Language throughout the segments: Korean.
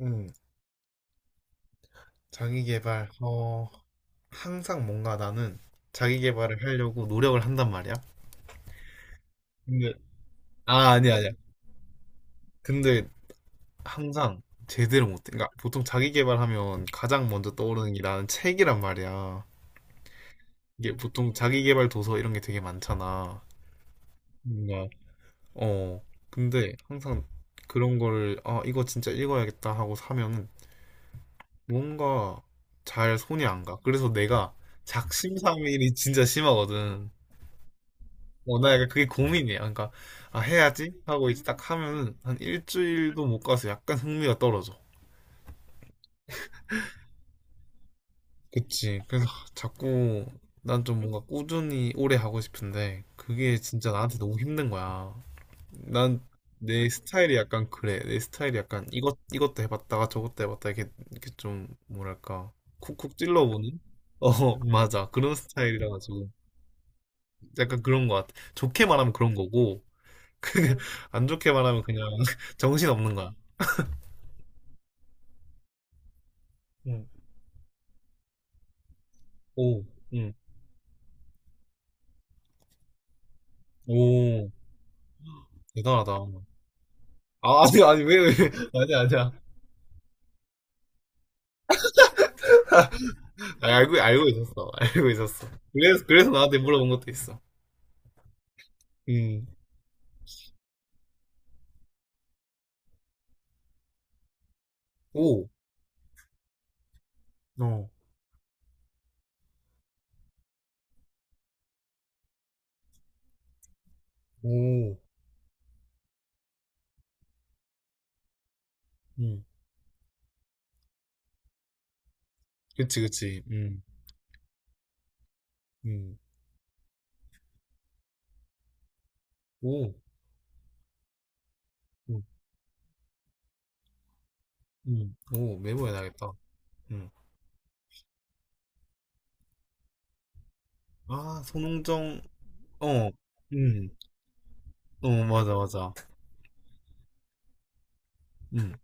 응, 자기계발. 어, 항상 뭔가 나는 자기계발을 하려고 노력을 한단 말이야. 근데, 아, 아니야, 아니야. 근데 항상 제대로 못해. 그러니까 보통 자기계발하면 가장 먼저 떠오르는 게 나는 책이란 말이야. 이게 보통 자기계발 도서 이런 게 되게 많잖아. 뭔가, 어. 근데 항상 그런 거를, 아, 이거 진짜 읽어야겠다 하고 사면은 뭔가 잘 손이 안 가. 그래서 내가 작심삼일이 진짜 심하거든. 어, 나 약간 그게 고민이야. 그러니까, 아, 해야지? 하고 이제 딱 하면은 한 일주일도 못 가서 약간 흥미가 떨어져. 그치. 그래서 하, 자꾸 난 좀 뭔가 꾸준히 오래 하고 싶은데, 그게 진짜 나한테 너무 힘든 거야. 난 내 스타일이 약간 그래. 내 스타일이 약간 이것도 해봤다가 저것도 해봤다. 이렇게 좀, 뭐랄까, 쿡쿡 찔러보는? 어, 맞아. 그런 스타일이라 가지고. 약간 그런 것 같아. 좋게 말하면 그런 거고, 그냥 안 좋게 말하면 그냥 정신없는 거야. 응. 오, 응. 오, 대단하다. 아, 아니, 아니, 왜, 아니야, 아니야. 아니, 알고 있었어. 알고 있었어. 그래서 나한테 물어본 것도 있어. 응. 오, 어, 오, 음, 그치, 그치. 응, 응. 오, 응, 응. 오, 메모해놔야겠다. 응. 아, 손흥정, 어, 응. 어, 맞아, 맞아. 응.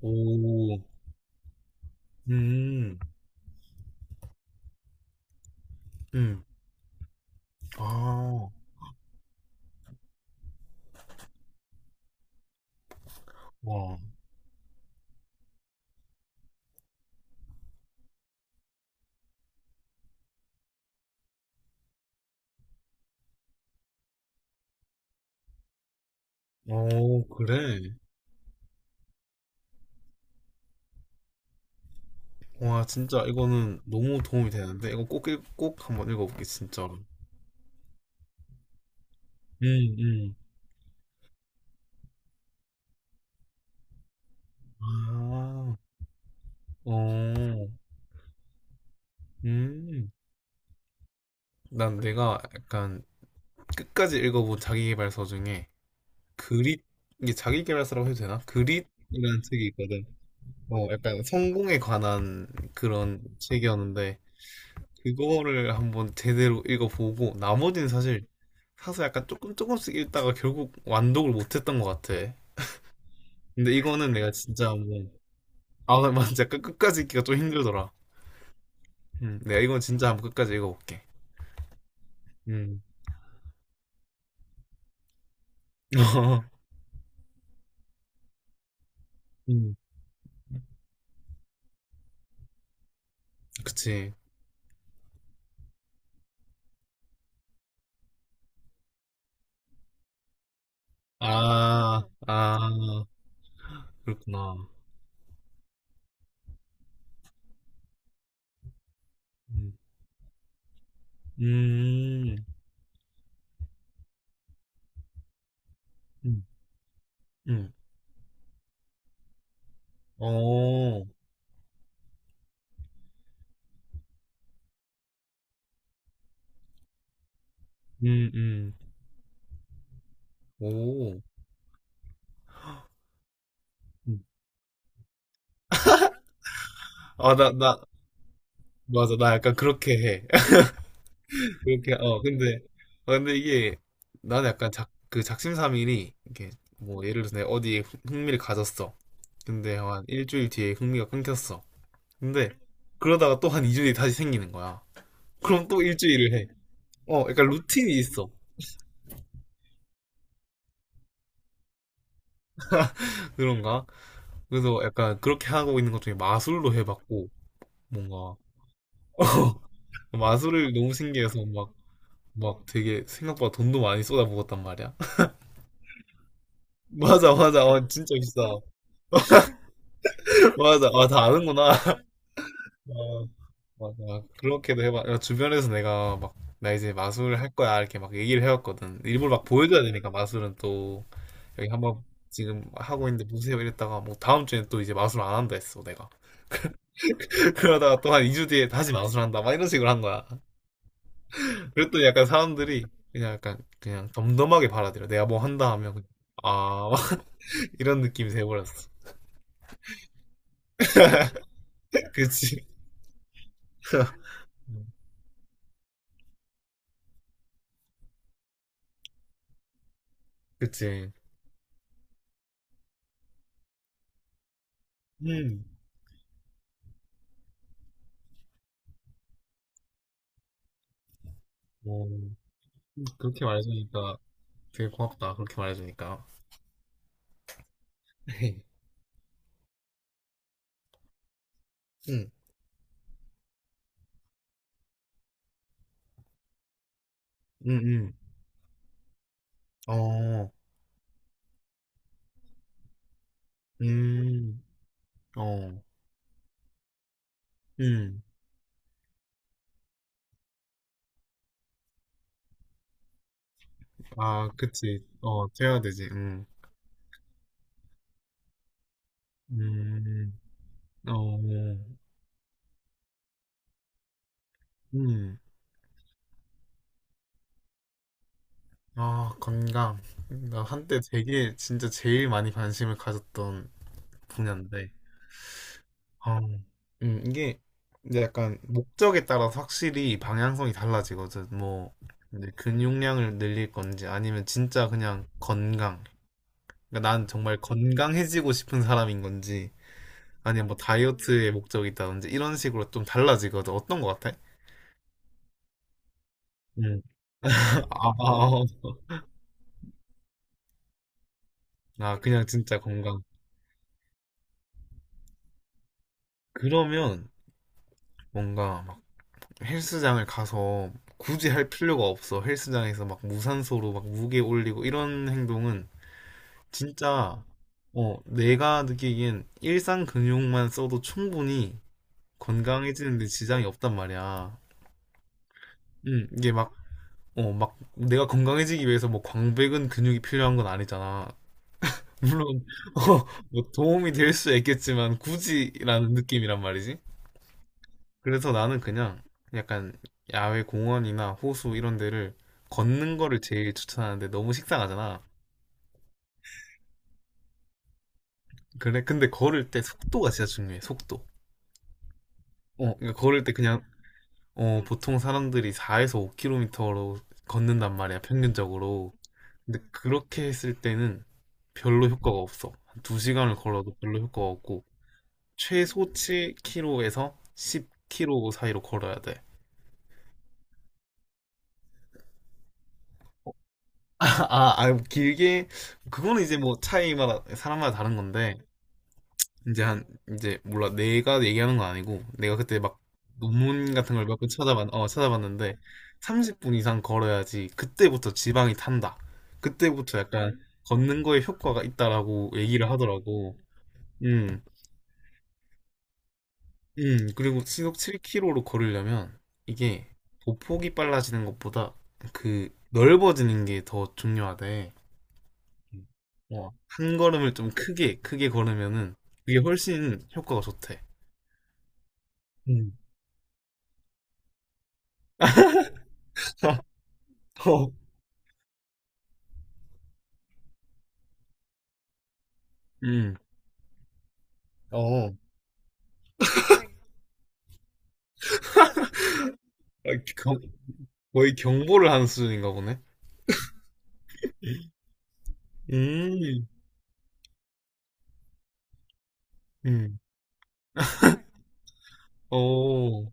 오, 음, 음. 아, 와. 오, 그래. 와, 진짜 이거는 너무 도움이 되는데 이거 꼭, 꼭 한번 읽어볼게 진짜로. 음, 음. 아, 어, 음. 난 내가 약간 끝까지 읽어본 자기계발서 중에 그릿, 이게 자기계발서라고 해도 되나? 그릿이라는 책이 있거든. 어, 약간 성공에 관한 그런 책이었는데, 그거를 한번 제대로 읽어보고 나머지는 사실 사서 약간 조금씩 읽다가 결국 완독을 못했던 것 같아. 근데 이거는 내가 진짜 한번, 아, 맞아. 끝까지 읽기가 좀 힘들더라. 내가 이건 진짜 한번 끝까지 읽어볼게. 음. 음, 그치. 아, 아, 그렇구나. 음, 음, 음, 음. 오, 음, 음, 오. 음. 아, 맞아. 나 약간 그렇게 해. 그렇게, 어, 근데, 어, 근데 이게, 나는 약간 작, 그 작심삼일이, 이게, 뭐, 예를 들어서 내가 어디에 흥미를 가졌어. 근데 한 일주일 뒤에 흥미가 끊겼어. 근데 그러다가 또 한 2주 뒤에 다시 생기는 거야. 그럼 또 일주일을 해. 어, 약간 루틴이 있어. 그런가? 그래서 약간 그렇게 하고 있는 것 중에 마술로 해봤고, 뭔가, 마술을 너무 신기해서 막, 막 되게 생각보다 돈도 많이 쏟아부었단 말이야. 맞아, 맞아. 어, 진짜 비싸. 맞아. 아, 다 아는구나. 어, 맞아. 그렇게도 해봐. 야, 주변에서 내가 막, 나 이제 마술 할 거야. 이렇게 막 얘기를 해왔거든. 일부러 막 보여줘야 되니까, 마술은 또. 여기 한번 지금 하고 있는데 보세요 이랬다가, 뭐 다음 주엔 또 이제 마술 안 한다 했어 내가. 그러다가 또 한 2주 뒤에 다시 마술 한다 막 이런 식으로 한 거야. 그랬더니 약간 사람들이 그냥 약간 그냥 덤덤하게 받아들여. 내가 뭐 한다 하면 그냥 아, 이런 느낌이 돼버렸어. 그치. 그치. 음, 뭐, 그렇게 말해주니까 되게 고맙다, 그렇게 말해주니까. 응, 응, 응. 어, 음, 어, 음. 아, 그치. 어, 돼야 되지. 음. 음, 어, 음, 아, 건강. 나 한때 되게 진짜 제일 많이 관심을 가졌던 분야인데, 아, 이게 이제 약간 목적에 따라서 확실히 방향성이 달라지거든. 뭐, 이제 근육량을 늘릴 건지 아니면 진짜 그냥 건강. 그러니까 난 정말 건강해지고 싶은 사람인 건지 아니면 뭐 다이어트의 목적이 있다든지 이런 식으로 좀 달라지거든. 어떤 거 같아? 음. 아, 아, 아, 아, 그냥 진짜 건강. 그러면 뭔가 막 헬스장을 가서 굳이 할 필요가 없어. 헬스장에서 막 무산소로 막 무게 올리고 이런 행동은 진짜, 어, 내가 느끼기엔 일상 근육만 써도 충분히 건강해지는데 지장이 없단 말이야. 이게 막, 어, 막 내가 건강해지기 위해서 뭐 광배근 근육이 필요한 건 아니잖아. 물론, 어, 뭐 도움이 될 수 있겠지만 굳이라는 느낌이란 말이지. 그래서 나는 그냥 약간 야외 공원이나 호수 이런 데를 걷는 거를 제일 추천하는데 너무 식상하잖아. 그래, 근데 걸을 때 속도가 진짜 중요해, 속도. 어, 그러니까 걸을 때 그냥, 어, 보통 사람들이 4에서 5km로 걷는단 말이야, 평균적으로. 근데 그렇게 했을 때는 별로 효과가 없어. 한 2시간을 걸어도 별로 효과가 없고, 최소 7km에서 10km 사이로 걸어야 돼. 길게 그거는 이제 뭐 차이마다 사람마다 다른 건데, 이제 한, 이제 몰라, 내가 얘기하는 건 아니고 내가 그때 막 논문 같은 걸 몇 번 찾아봤는데, 30분 이상 걸어야지 그때부터 지방이 탄다. 그때부터 약간 걷는 거에 효과가 있다라고 얘기를 하더라고. 음, 음, 그리고 시속 7km로 걸으려면 이게 보폭이 빨라지는 것보다 그 넓어지는 게 더 중요하대. 어, 한 걸음을 좀 크게 걸으면은 그게 훨씬 효과가 좋대. 음. 어, 음. 어, 아, 겨- 거의 경보를 하는 수준인가 보네. 음, 음, 어.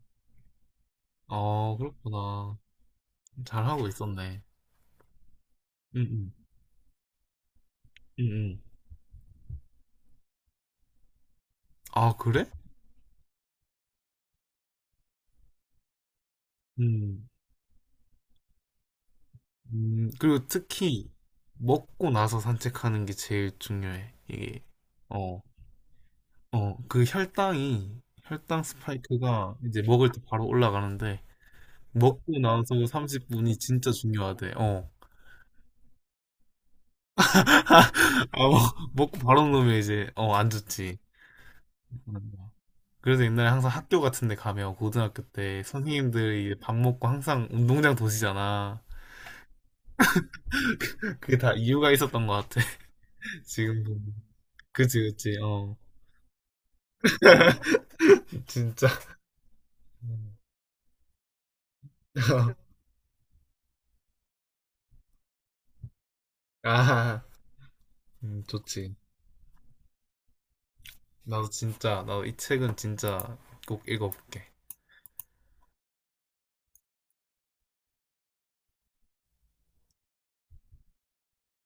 아, 그렇구나. 잘하고 있었네. 음, 음, 음, 음, 아, 그래? 음. 그리고 특히 먹고 나서 산책하는 게 제일 중요해. 이게, 어, 어, 그 혈당 스파이크가 이제 먹을 때 바로 올라가는데, 먹고 나서 30분이 진짜 중요하대. 어. 아, 뭐, 먹고 바로 놓으면 이제, 어, 안 좋지. 그래서 옛날에 항상 학교 같은 데 가면 고등학교 때 선생님들이 이제 밥 먹고 항상 운동장 도시잖아. 그게 다 이유가 있었던 것 같아. 지금 보면. 그치, 그치, 어. 진짜. 음. 아, 좋지. 나도 진짜, 나도 이 책은 진짜 꼭 읽어볼게.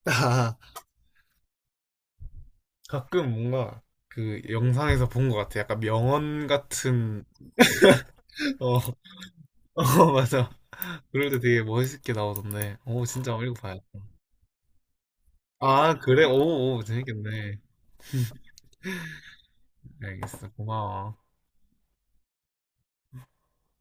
아, 가끔 뭔가 그 영상에서 본 것 같아. 약간 명언 같은, 어. 어, 맞아. 그럴 때 되게 멋있게 나오던데. 오, 진짜 한번 읽어봐요. 아, 그래? 오, 오, 재밌겠네. 알겠어. 고마워.